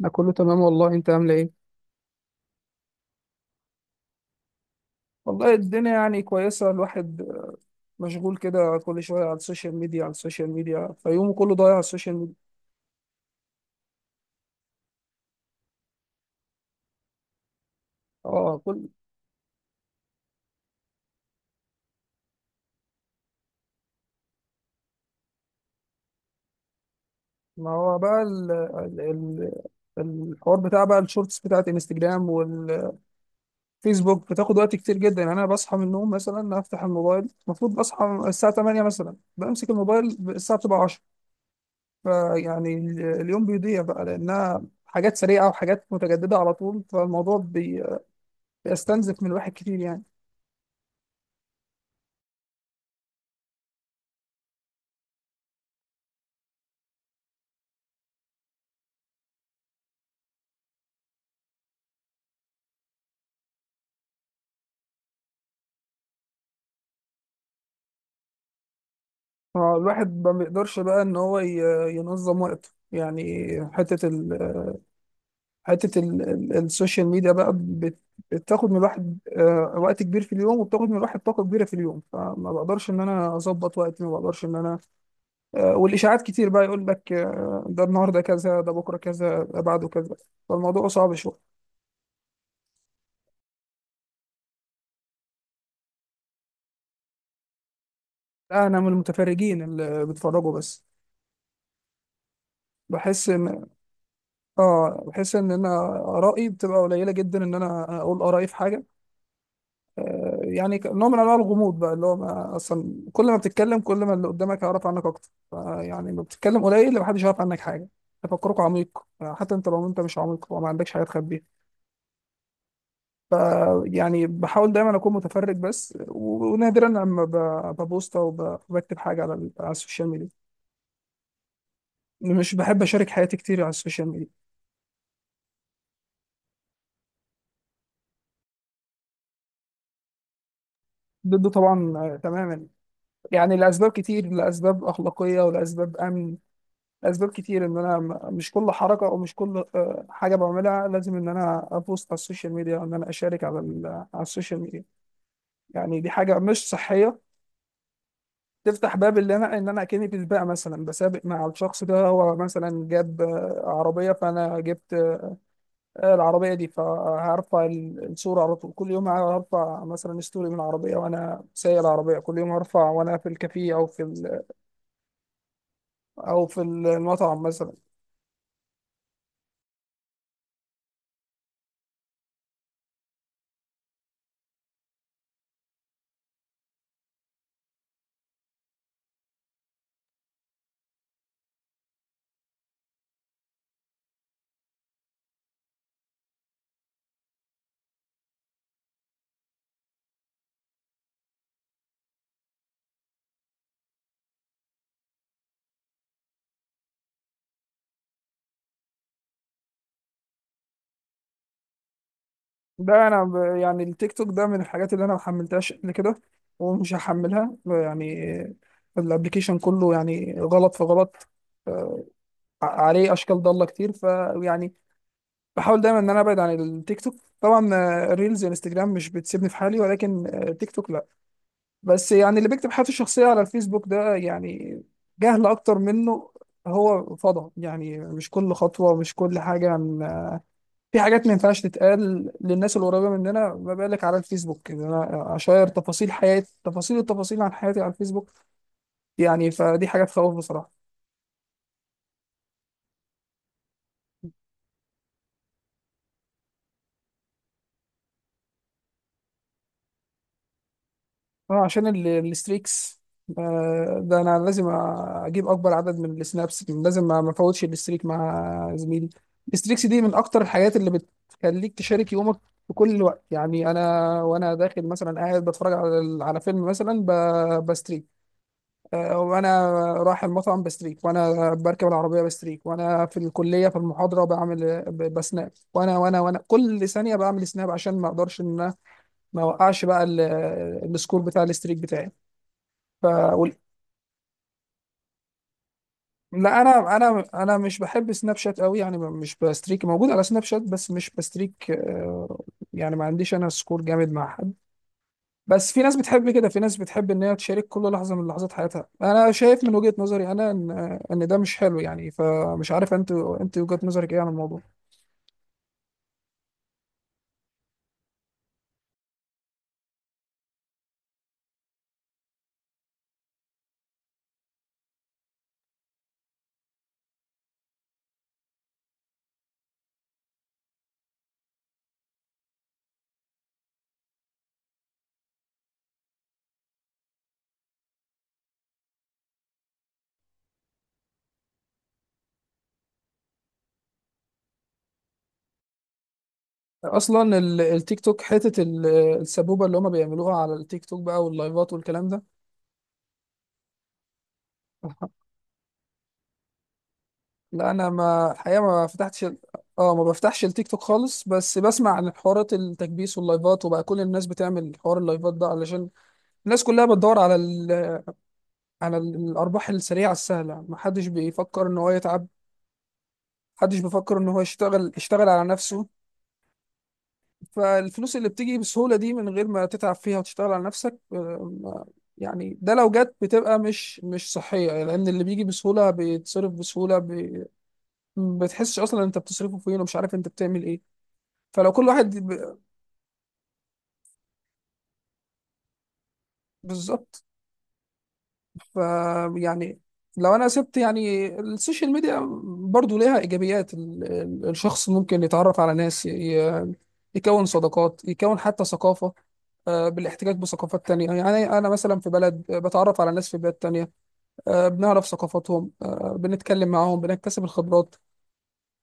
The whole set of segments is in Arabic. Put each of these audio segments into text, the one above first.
انا كله تمام والله، انت عامله ايه؟ والله الدنيا يعني كويسه. الواحد مشغول كده كل شويه على السوشيال ميديا، فيومه كله ضايع على السوشيال ميديا. اه، كل ما هو بقى الحوار بتاع بقى الشورتس بتاعت انستجرام والفيسبوك بتاخد وقت كتير جدا. يعني انا بصحى من النوم مثلا افتح الموبايل، المفروض بصحى الساعه 8 مثلا، بمسك الموبايل الساعه بتبقى 10. فيعني اليوم بيضيع بقى لانها حاجات سريعه وحاجات متجدده على طول. فالموضوع بيستنزف من الواحد كتير يعني. هو الواحد ما بيقدرش بقى ان هو ينظم وقته يعني. حته ال... السوشيال ميديا بقى بتاخد من الواحد وقت كبير في اليوم، وبتاخد من الواحد طاقه كبيره في اليوم. فما بقدرش ان انا اظبط وقتي، ما بقدرش ان انا. والاشاعات كتير بقى، يقول لك ده النهارده كذا، ده بكره كذا، ده بعده كذا. فالموضوع صعب شويه. لا، انا من المتفرجين اللي بيتفرجوا بس. بحس ان، اه بحس ان انا ارائي بتبقى قليله جدا، ان انا اقول ارائي في حاجه. يعني نوع من انواع الغموض بقى، اللي هو ما اصلا كل ما بتتكلم كل ما اللي قدامك هيعرف عنك اكتر. يعني ما بتتكلم قليل محدش يعرف عنك حاجه، تفكرك عميق، حتى انت لو انت مش عميق وما عندكش حاجه تخبيها. ف يعني بحاول دايما اكون متفرج بس، ونادرا لما ببوست او بكتب حاجه على على السوشيال ميديا. مش بحب اشارك حياتي كتير على السوشيال ميديا. ضده طبعا، تماما. يعني لاسباب كتير، لاسباب اخلاقيه ولاسباب امن، اسباب كتير. ان انا مش كل حركه او مش كل حاجه بعملها لازم ان انا ابوست على السوشيال ميديا، او ان انا اشارك على على السوشيال ميديا. يعني دي حاجه مش صحيه. تفتح باب اللي انا ان انا اكني في سباق مثلا، بسابق مع الشخص ده. هو مثلا جاب عربيه فانا جبت العربيه دي، فهرفع الصوره على طول. كل يوم هرفع مثلا ستوري من العربيه وانا سايق العربيه، كل يوم هرفع وانا في الكافيه او في او في المطعم مثلا. ده انا يعني التيك توك ده من الحاجات اللي انا ما حملتهاش قبل كده، ومش هحملها يعني. الابلكيشن كله يعني غلط في غلط. آه، عليه اشكال ضاله كتير. فيعني بحاول دايما ان انا ابعد عن التيك توك. طبعا الريلز والانستجرام مش بتسيبني في حالي، ولكن تيك توك لا. بس يعني اللي بيكتب حياته الشخصيه على الفيسبوك ده يعني جهل اكتر منه. هو فضى يعني؟ مش كل خطوه، مش كل حاجه. في حاجات ما ينفعش تتقال للناس القريبه مننا، ما بالك على الفيسبوك ان انا اشير تفاصيل حياتي، تفاصيل التفاصيل عن حياتي على الفيسبوك. يعني فدي حاجه تخوف بصراحه. اه، عشان الستريكس. ده انا لازم اجيب اكبر عدد من السنابس، لازم ما افوتش الستريك مع زميلي. الستريكس دي من اكتر الحاجات اللي بتخليك تشارك يومك في كل الوقت. يعني انا وانا داخل مثلا، قاعد بتفرج على على فيلم مثلا بستريك، وانا رايح المطعم بستريك، وانا بركب العربيه بستريك، وانا في الكليه في المحاضره بعمل بسناب، وانا وانا وانا كل ثانيه بعمل سناب عشان ما اقدرش ان أنا ما اوقعش بقى السكور بتاع الستريك بتاعي. ف وال- لا، انا مش بحب سناب شات قوي يعني. مش بستريك. موجود على سناب شات بس مش بستريك. يعني ما عنديش انا سكور جامد مع حد. بس في ناس بتحب كده، في ناس بتحب ان هي تشارك كل لحظه من لحظات حياتها. انا شايف من وجهه نظري انا ان ده مش حلو يعني. فمش عارف انت وجهه نظرك ايه عن الموضوع. اصلا التيك توك حته السبوبه اللي هم بيعملوها على التيك توك بقى، واللايفات والكلام ده. لا انا، ما الحقيقه ما فتحتش اه، ما بفتحش التيك توك خالص، بس بسمع عن حوارات التكبيس واللايفات. وبقى كل الناس بتعمل حوار اللايفات ده علشان الناس كلها بتدور على الارباح السريعه السهله. ما حدش بيفكر ان هو يتعب، محدش بيفكر ان هو يشتغل، يشتغل على نفسه. فالفلوس اللي بتيجي بسهولة دي من غير ما تتعب فيها وتشتغل على نفسك، ما- يعني ده لو جت بتبقى مش صحية، لأن اللي بيجي بسهولة بيتصرف بسهولة. ما بتحسش أصلا أنت بتصرفه فين، ومش عارف أنت بتعمل إيه. فلو كل واحد بالظبط. ف يعني لو أنا سبت يعني السوشيال ميديا، برضو ليها إيجابيات. الشخص ممكن يتعرف على ناس، يكون صداقات، يكون حتى ثقافة، بالاحتكاك بثقافات تانية. يعني أنا مثلا في بلد، بتعرف على ناس في بلاد تانية، بنعرف ثقافاتهم، بنتكلم معاهم، بنكتسب الخبرات.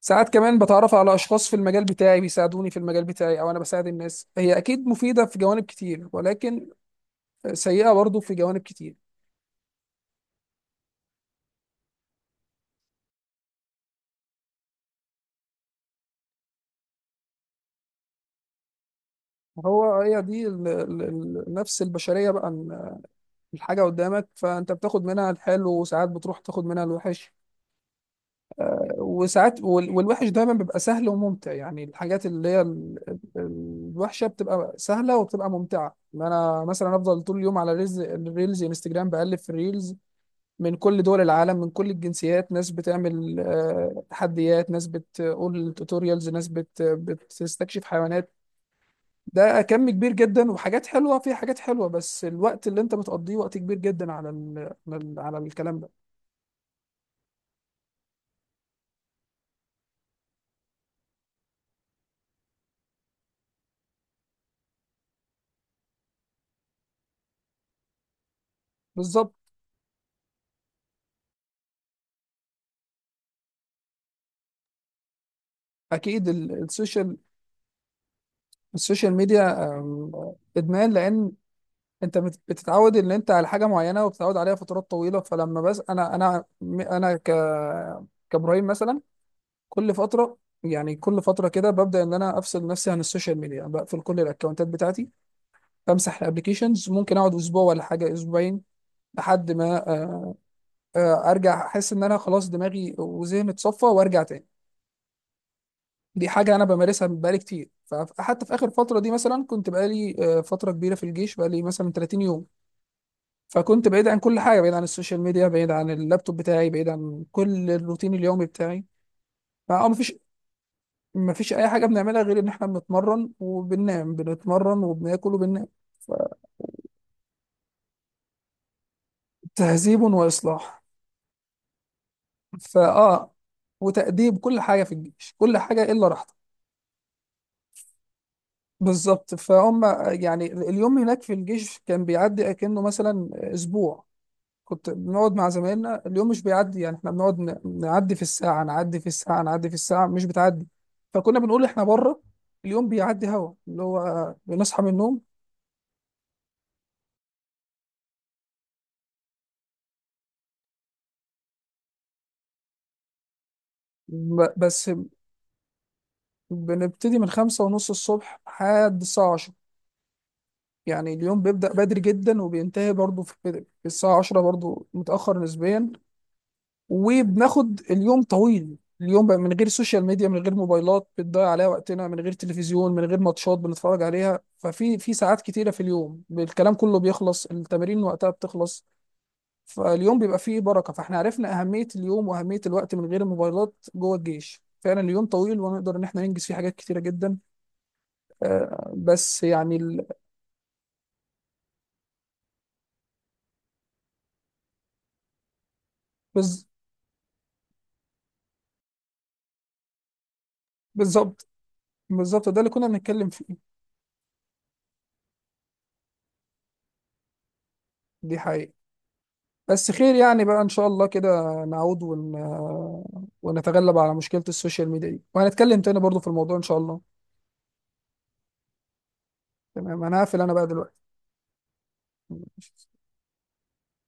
ساعات كمان بتعرف على أشخاص في المجال بتاعي بيساعدوني في المجال بتاعي، أو أنا بساعد الناس. هي أكيد مفيدة في جوانب كتير، ولكن سيئة برضو في جوانب كتير. هو هي دي نفس البشرية بقى. إن الحاجة قدامك فأنت بتاخد منها الحلو، وساعات بتروح تاخد منها الوحش. وساعات والوحش دايما بيبقى سهل وممتع. يعني الحاجات اللي هي الوحشه بتبقى سهله وبتبقى ممتعه. ما انا مثلا افضل طول اليوم على ريلز، الريلز انستجرام بقلب في الريلز من كل دول العالم من كل الجنسيات. ناس بتعمل تحديات، ناس بتقول توتوريالز، ناس بتستكشف حيوانات. ده كم كبير جدا، وحاجات حلوه، في حاجات حلوه، بس الوقت اللي انت بتقضيه وقت كبير جدا على ال على, ال على الكلام ده. بالظبط. اكيد السوشيال ميديا ادمان، لان انت بتتعود ان انت على حاجه معينه وبتتعود عليها فترات طويله. فلما، بس انا انا انا ك كابراهيم مثلا، كل فتره، يعني كل فتره كده ببدا ان انا افصل نفسي عن السوشيال ميديا. بقفل كل الاكونتات بتاعتي، بمسح الابلكيشنز، ممكن اقعد اسبوع ولا حاجه، اسبوعين، لحد ما ارجع احس ان انا خلاص دماغي وذهني اتصفى، وارجع تاني. دي حاجة أنا بمارسها بقالي كتير. فحتى في آخر فترة دي مثلا، كنت بقالي فترة كبيرة في الجيش، بقالي مثلا 30 يوم. فكنت بعيد عن كل حاجة، بعيد عن السوشيال ميديا، بعيد عن اللابتوب بتاعي، بعيد عن كل الروتين اليومي بتاعي. مفيش، أي حاجة بنعملها غير إن إحنا بنتمرن وبننام، بنتمرن وبناكل وبننام. تهذيب وإصلاح، فأه وتأديب. كل حاجة في الجيش، كل حاجة إلا راحتك. بالظبط. فهم يعني اليوم هناك في الجيش كان بيعدي كأنه مثلا أسبوع. كنت بنقعد مع زمايلنا، اليوم مش بيعدي، يعني احنا بنقعد نعدي في الساعة، نعدي في الساعة، نعدي في الساعة، مش بتعدي. فكنا بنقول احنا بره. اليوم بيعدي، هوا اللي هو بنصحى من النوم، بس بنبتدي من 5:30 الصبح لحد الساعة 10. يعني اليوم بيبدأ بدري جدا وبينتهي برضه في الساعة 10 برضه، متأخر نسبيا. وبناخد اليوم طويل. اليوم بقى من غير سوشيال ميديا، من غير موبايلات بتضيع عليها وقتنا، من غير تلفزيون، من غير ماتشات بنتفرج عليها، ففي ساعات كتيرة في اليوم. الكلام كله بيخلص، التمارين وقتها بتخلص، فاليوم بيبقى فيه بركة. فاحنا عرفنا أهمية اليوم وأهمية الوقت من غير الموبايلات جوه الجيش. فعلا اليوم طويل، ونقدر إن احنا ننجز فيه حاجات كتيرة جدا. آه، بس يعني ال- بز- بالظبط، بالظبط ده اللي كنا بنتكلم فيه. دي حقيقة. بس خير يعني بقى إن شاء الله كده، نعود ونتغلب على مشكلة السوشيال ميديا دي. وهنتكلم تاني برضو في الموضوع إن شاء الله. تمام، أنا هقفل أنا بقى دلوقتي.